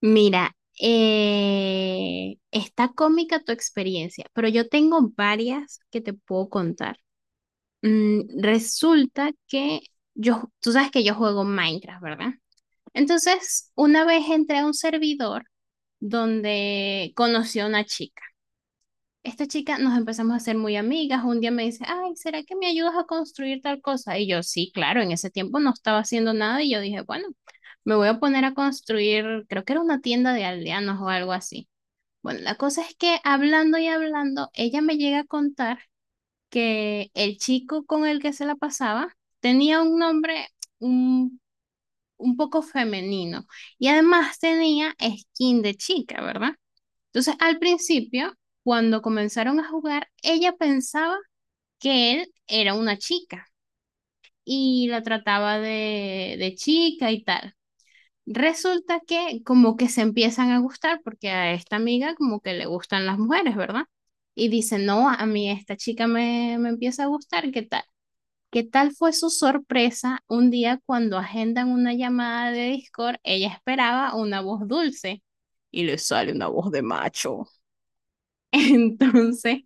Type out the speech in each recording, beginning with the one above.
Mira, está cómica tu experiencia, pero yo tengo varias que te puedo contar. Resulta que yo, tú sabes que yo juego Minecraft, ¿verdad? Entonces, una vez entré a un servidor donde conocí a una chica, esta chica nos empezamos a hacer muy amigas. Un día me dice, ay, ¿será que me ayudas a construir tal cosa? Y yo, sí, claro, en ese tiempo no estaba haciendo nada y yo dije, bueno, me voy a poner a construir, creo que era una tienda de aldeanos o algo así. Bueno, la cosa es que hablando y hablando, ella me llega a contar que el chico con el que se la pasaba tenía un nombre un, un poco femenino y además tenía skin de chica, ¿verdad? Entonces, al principio, cuando comenzaron a jugar, ella pensaba que él era una chica y la trataba de chica y tal. Resulta que como que se empiezan a gustar porque a esta amiga como que le gustan las mujeres, ¿verdad? Y dice, no, a mí esta chica me empieza a gustar, ¿qué tal? ¿Qué tal fue su sorpresa un día cuando agendan una llamada de Discord? Ella esperaba una voz dulce y le sale una voz de macho. Entonces,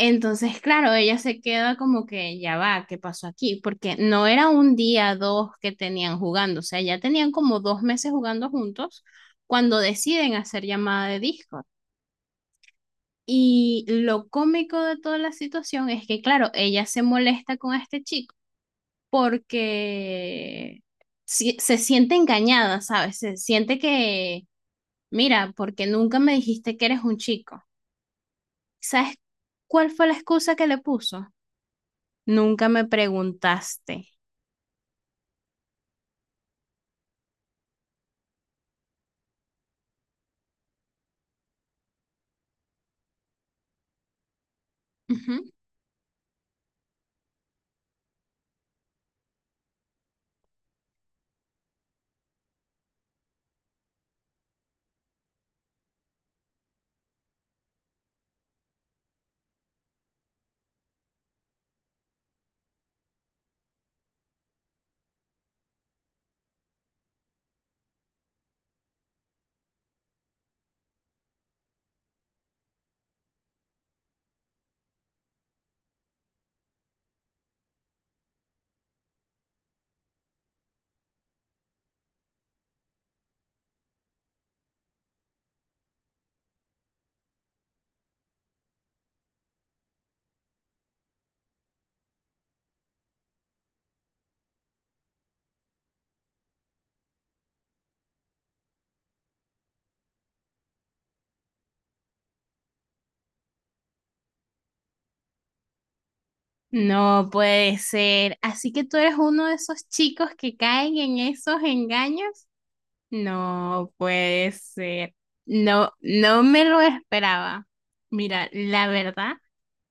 Entonces, claro, ella se queda como que ya va, ¿qué pasó aquí? Porque no era un día, dos que tenían jugando, o sea, ya tenían como dos meses jugando juntos cuando deciden hacer llamada de Discord. Y lo cómico de toda la situación es que, claro, ella se molesta con este chico porque se siente engañada, ¿sabes? Se siente que, mira, porque nunca me dijiste que eres un chico. ¿Sabes cuál fue la excusa que le puso? Nunca me preguntaste. Ujú. No puede ser. Así que tú eres uno de esos chicos que caen en esos engaños. No puede ser. No, no me lo esperaba. Mira, la verdad,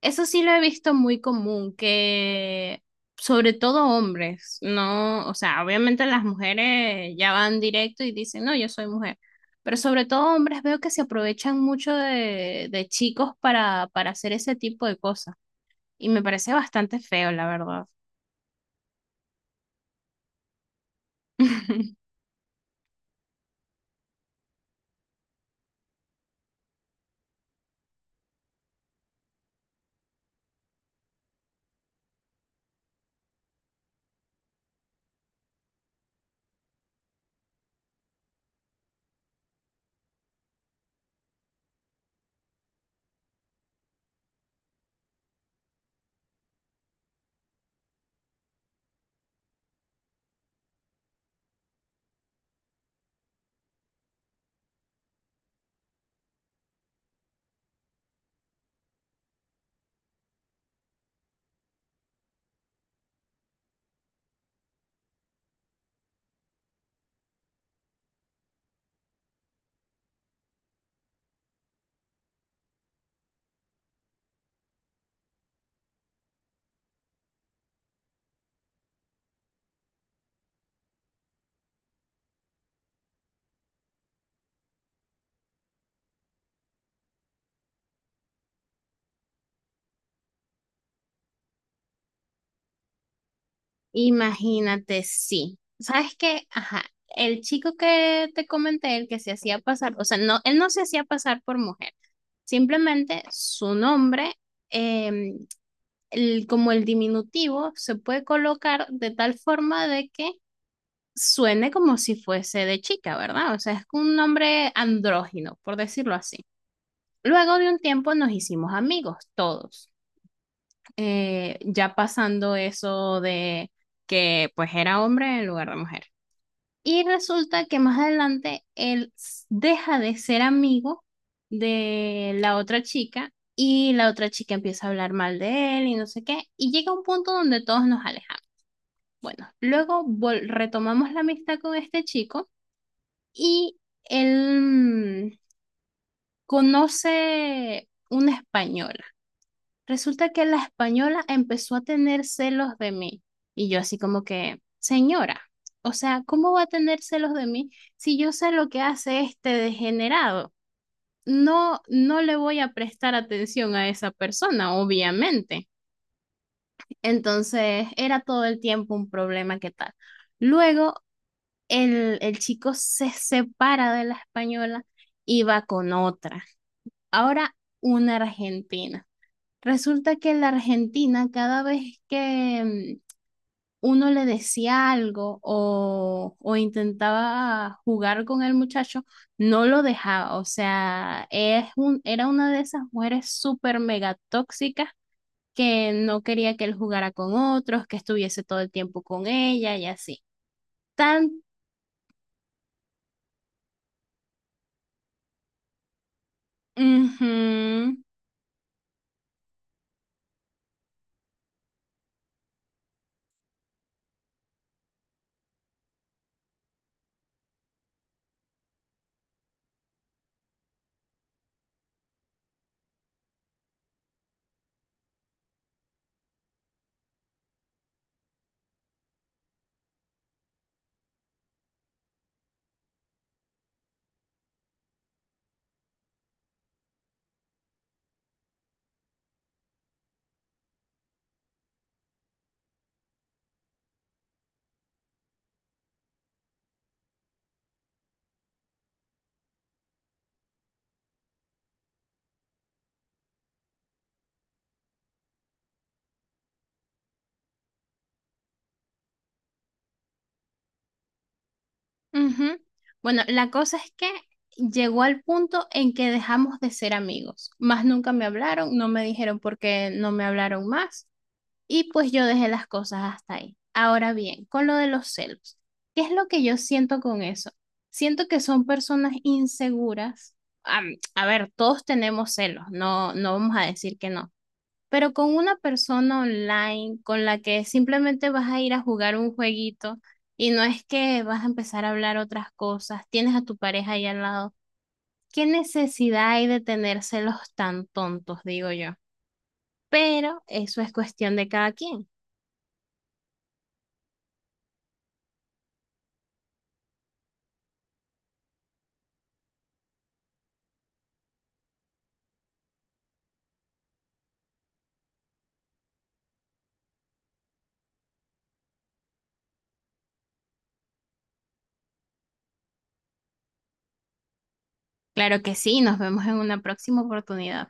eso sí lo he visto muy común, que sobre todo hombres, no, o sea, obviamente las mujeres ya van directo y dicen, no, yo soy mujer, pero sobre todo hombres veo que se aprovechan mucho de chicos para hacer ese tipo de cosas y me parece bastante feo, la verdad. Imagínate, sí. ¿Sabes qué? Ajá. El chico que te comenté, el que se hacía pasar, o sea, no, él no se hacía pasar por mujer. Simplemente su nombre, eh, como el diminutivo, se puede colocar de tal forma de que suene como si fuese de chica, ¿verdad? O sea, es un nombre andrógino, por decirlo así. Luego de un tiempo nos hicimos amigos, todos. Ya pasando eso de que pues era hombre en lugar de mujer. Y resulta que más adelante deja de ser amigo de la otra chica y la otra chica empieza a hablar mal de él y no sé qué. Y llega un punto donde todos nos alejamos. Bueno, luego retomamos la amistad con este chico y él conoce una española. Resulta que la española empezó a tener celos de mí. Y yo así como que, señora, o sea, ¿cómo va a tener celos de mí si yo sé lo que hace este degenerado? No, no le voy a prestar atención a esa persona, obviamente. Entonces, era todo el tiempo un problema que tal. Luego, el chico se separa de la española y va con otra. Ahora, una argentina. Resulta que en la Argentina, cada vez que uno le decía algo o intentaba jugar con el muchacho, no lo dejaba. O sea, es un, era una de esas mujeres súper mega tóxicas que no quería que él jugara con otros, que estuviese todo el tiempo con ella y así. Tan, Ujú. Ujú. Bueno, la cosa es que llegó al punto en que dejamos de ser amigos. Más nunca me hablaron, no me dijeron por qué no me hablaron más y pues yo dejé las cosas hasta ahí. Ahora bien, con lo de los celos, ¿qué es lo que yo siento con eso? Siento que son personas inseguras. A ver, todos tenemos celos, no, no vamos a decir que no, pero con una persona online con la que simplemente vas a ir a jugar un jueguito y no es que vas a empezar a hablar otras cosas, tienes a tu pareja ahí al lado. ¿Qué necesidad hay de tenérselos tan tontos, digo yo? Pero eso es cuestión de cada quien. Claro que sí, nos vemos en una próxima oportunidad.